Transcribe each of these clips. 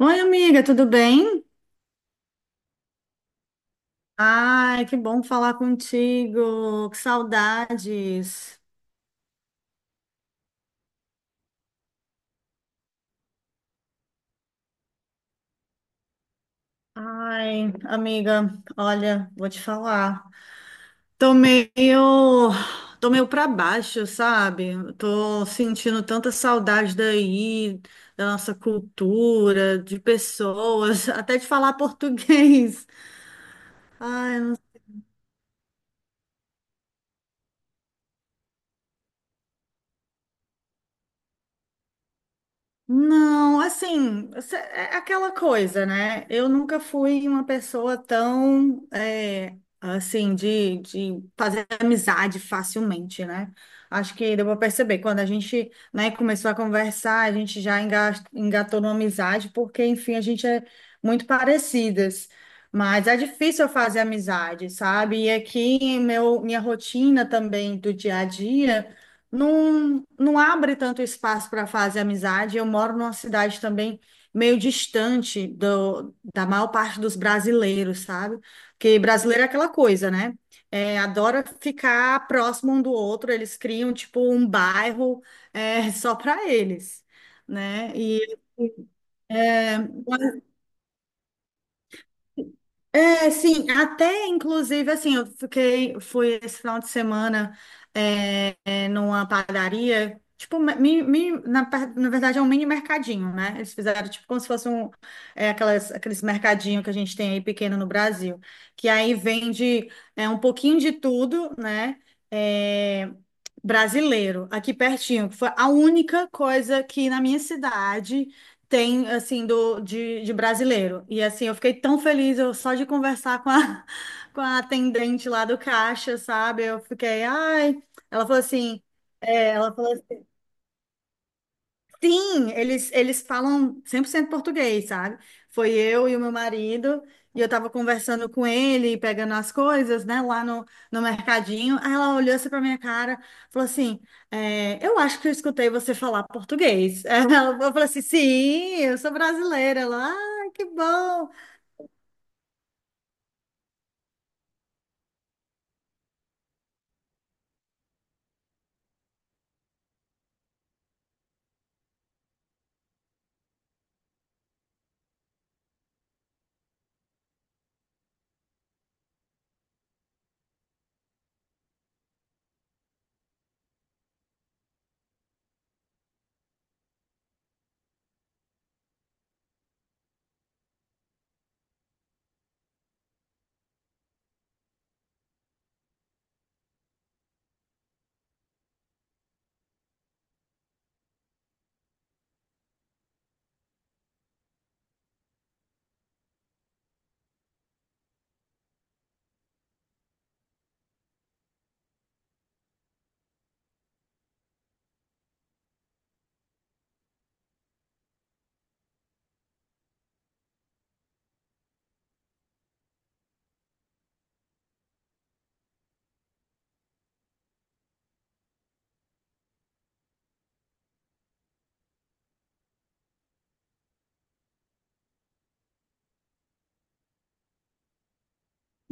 Oi, amiga, tudo bem? Ai, que bom falar contigo, que saudades. Ai, amiga, olha, vou te falar. Tô meio, Tô meio pra baixo, sabe? Tô sentindo tanta saudade daí, da nossa cultura, de pessoas, até de falar português. Ai. Não, assim, é aquela coisa, né? Eu nunca fui uma pessoa tão, assim, de fazer amizade facilmente, né? Acho que deu para perceber, quando a gente, né, começou a conversar, a gente já engatou numa amizade, porque, enfim, a gente é muito parecidas. Mas é difícil eu fazer amizade, sabe? E aqui, minha rotina também do dia a dia não abre tanto espaço para fazer amizade. Eu moro numa cidade também meio distante da maior parte dos brasileiros, sabe? Porque brasileiro é aquela coisa, né? Adora ficar próximo um do outro, eles criam tipo um bairro só para eles, né? E. Sim, até inclusive assim, fui esse final de semana numa padaria, tipo, na verdade é um mini mercadinho, né? Eles fizeram tipo como se fosse um, aqueles mercadinho que a gente tem aí pequeno no Brasil, que aí vende um pouquinho de tudo, né? É, Brasileiro, aqui pertinho, que foi a única coisa que na minha cidade tem, assim, de brasileiro. E, assim, eu fiquei tão feliz eu, só de conversar com a, com a atendente lá do caixa, sabe? Eu fiquei, ai. Ela falou assim. Sim, eles falam 100% português, sabe? Foi eu e o meu marido, e eu tava conversando com ele, pegando as coisas, né, lá no mercadinho. Aí ela olhou assim pra minha cara, falou assim: Eu acho que eu escutei você falar português. Eu falei assim: Sim, eu sou brasileira. Ela, ah, que bom.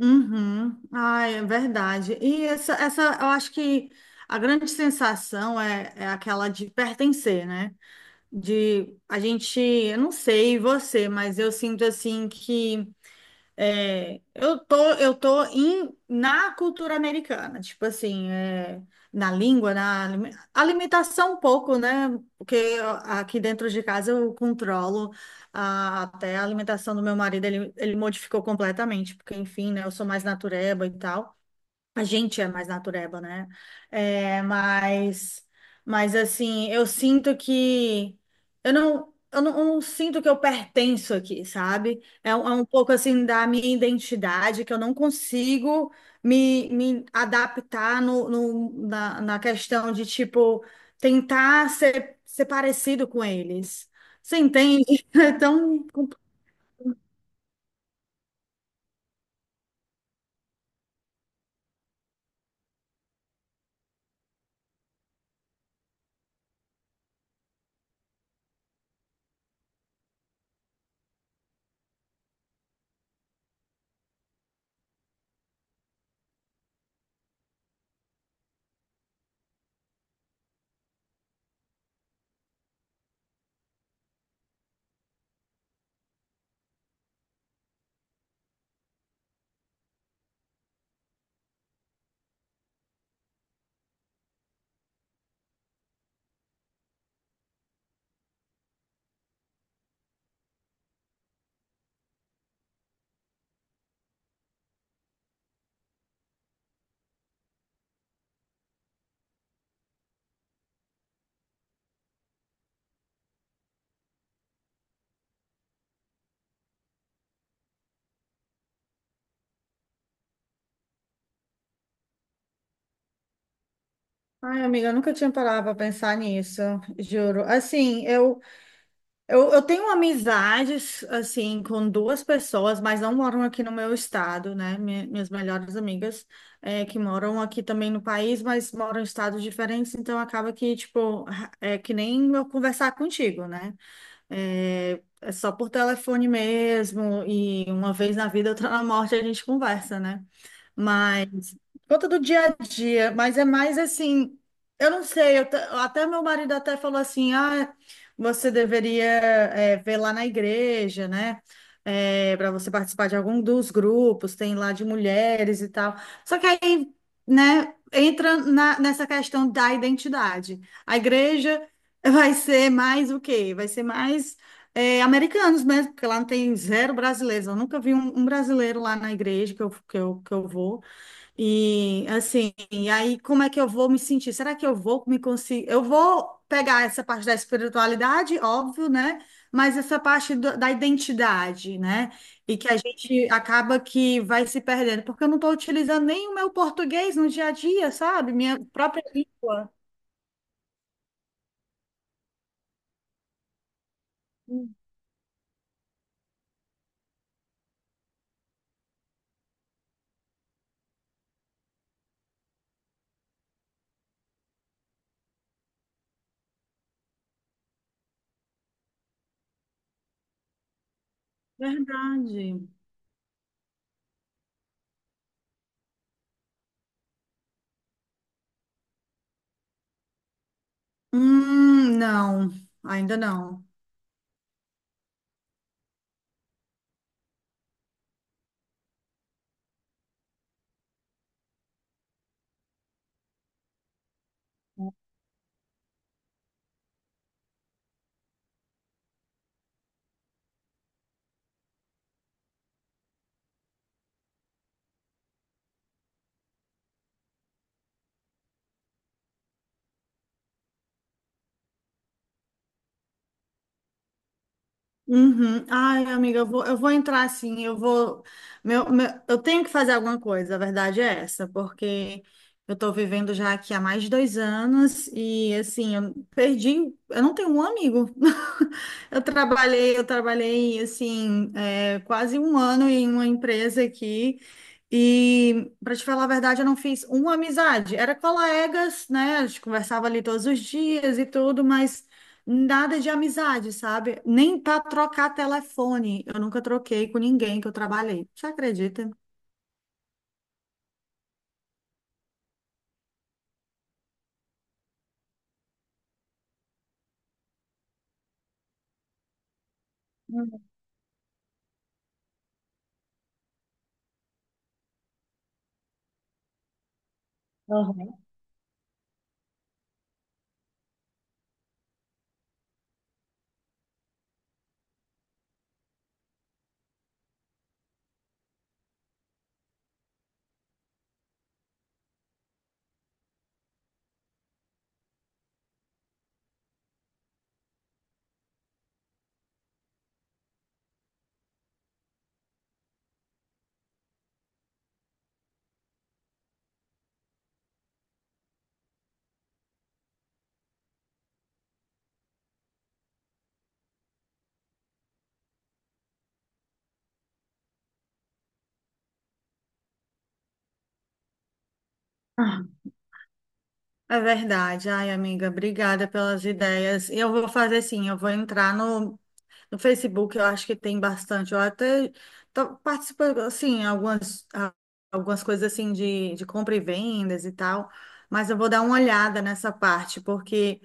Uhum. Ai, é verdade. E eu acho que a grande sensação é aquela de pertencer, né? De a gente, eu não sei você, mas eu sinto assim que eu tô na cultura americana, tipo assim, na língua, na alimentação um pouco, né? Porque aqui dentro de casa eu controlo até a alimentação do meu marido, ele modificou completamente, porque enfim, né? Eu sou mais natureba e tal. A gente é mais natureba, né? É, mas, mas assim, eu sinto que eu não sinto que eu pertenço aqui, sabe? Um é um pouco assim da minha identidade que eu não consigo me adaptar na questão de tipo tentar ser parecido com eles. Você entende? É tão. Ai, amiga, eu nunca tinha parado para pensar nisso, juro. Assim, eu tenho amizades, assim, com duas pessoas, mas não moram aqui no meu estado, né? Minhas melhores amigas, que moram aqui também no país, mas moram em estados diferentes, então acaba que, tipo, é que nem eu conversar contigo, né? É só por telefone mesmo, e uma vez na vida, outra na morte, a gente conversa, né? Mas conta do dia a dia, mas é mais assim, eu não sei, até meu marido até falou assim, ah, você deveria ver lá na igreja, né? Para você participar de algum dos grupos, tem lá de mulheres e tal. Só que aí, né, entra nessa questão da identidade. A igreja vai ser mais o quê? Vai ser mais americanos mesmo, porque lá não tem zero brasileiros. Eu nunca vi um brasileiro lá na igreja que eu vou. E assim, e aí como é que eu vou me sentir? Será que eu vou me conseguir? Eu vou pegar essa parte da espiritualidade, óbvio, né? Mas essa parte da identidade, né? E que a gente acaba que vai se perdendo, porque eu não estou utilizando nem o meu português no dia a dia, sabe? Minha própria língua. Hum. Verdade. Não, ainda não. Uhum. Ai, amiga, eu vou entrar assim, eu vou. Eu tenho que fazer alguma coisa, a verdade é essa, porque eu tô vivendo já aqui há mais de 2 anos e assim, eu não tenho um amigo. Eu trabalhei assim, quase um ano em uma empresa aqui. E, para te falar a verdade, eu não fiz uma amizade. Era colegas, né? A gente conversava ali todos os dias e tudo, mas nada de amizade, sabe? Nem para trocar telefone. Eu nunca troquei com ninguém que eu trabalhei. Você acredita? Uhum. Ah, é verdade. Ai, amiga, obrigada pelas ideias. Eu vou fazer assim, eu vou entrar no Facebook, eu acho que tem bastante. Eu até tô participando, assim, algumas coisas assim de compra e vendas e tal, mas eu vou dar uma olhada nessa parte, porque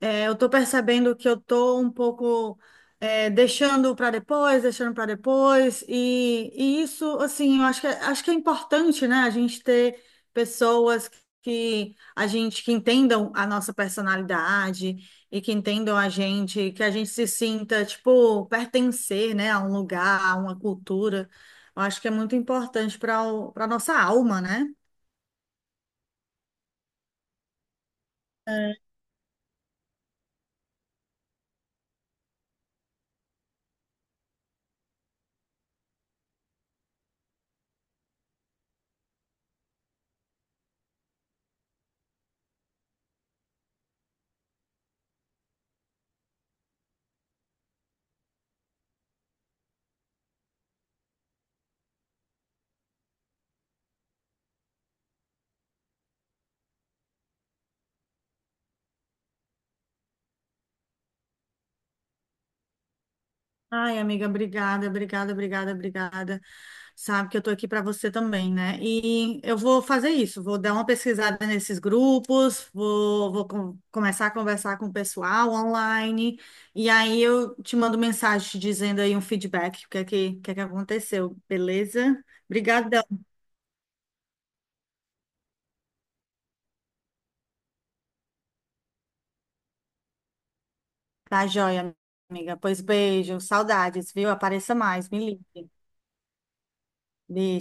Eu tô percebendo que eu tô um pouco deixando para depois, e isso, assim, eu acho que é importante, né, a gente ter pessoas que a gente que entendam a nossa personalidade e que entendam a gente, que a gente se sinta, tipo, pertencer, né, a um lugar, a uma cultura. Eu acho que é muito importante para nossa alma, né? Ai, amiga, obrigada, obrigada, obrigada, obrigada. Sabe que eu tô aqui para você também, né? E eu vou fazer isso, vou dar uma pesquisada nesses grupos, começar a conversar com o pessoal online, e aí eu te mando mensagem te dizendo aí um feedback, o que é que aconteceu, beleza? Obrigadão. Tá joia, amiga. Pois beijo, saudades, viu? Apareça mais, me ligue. Beijo.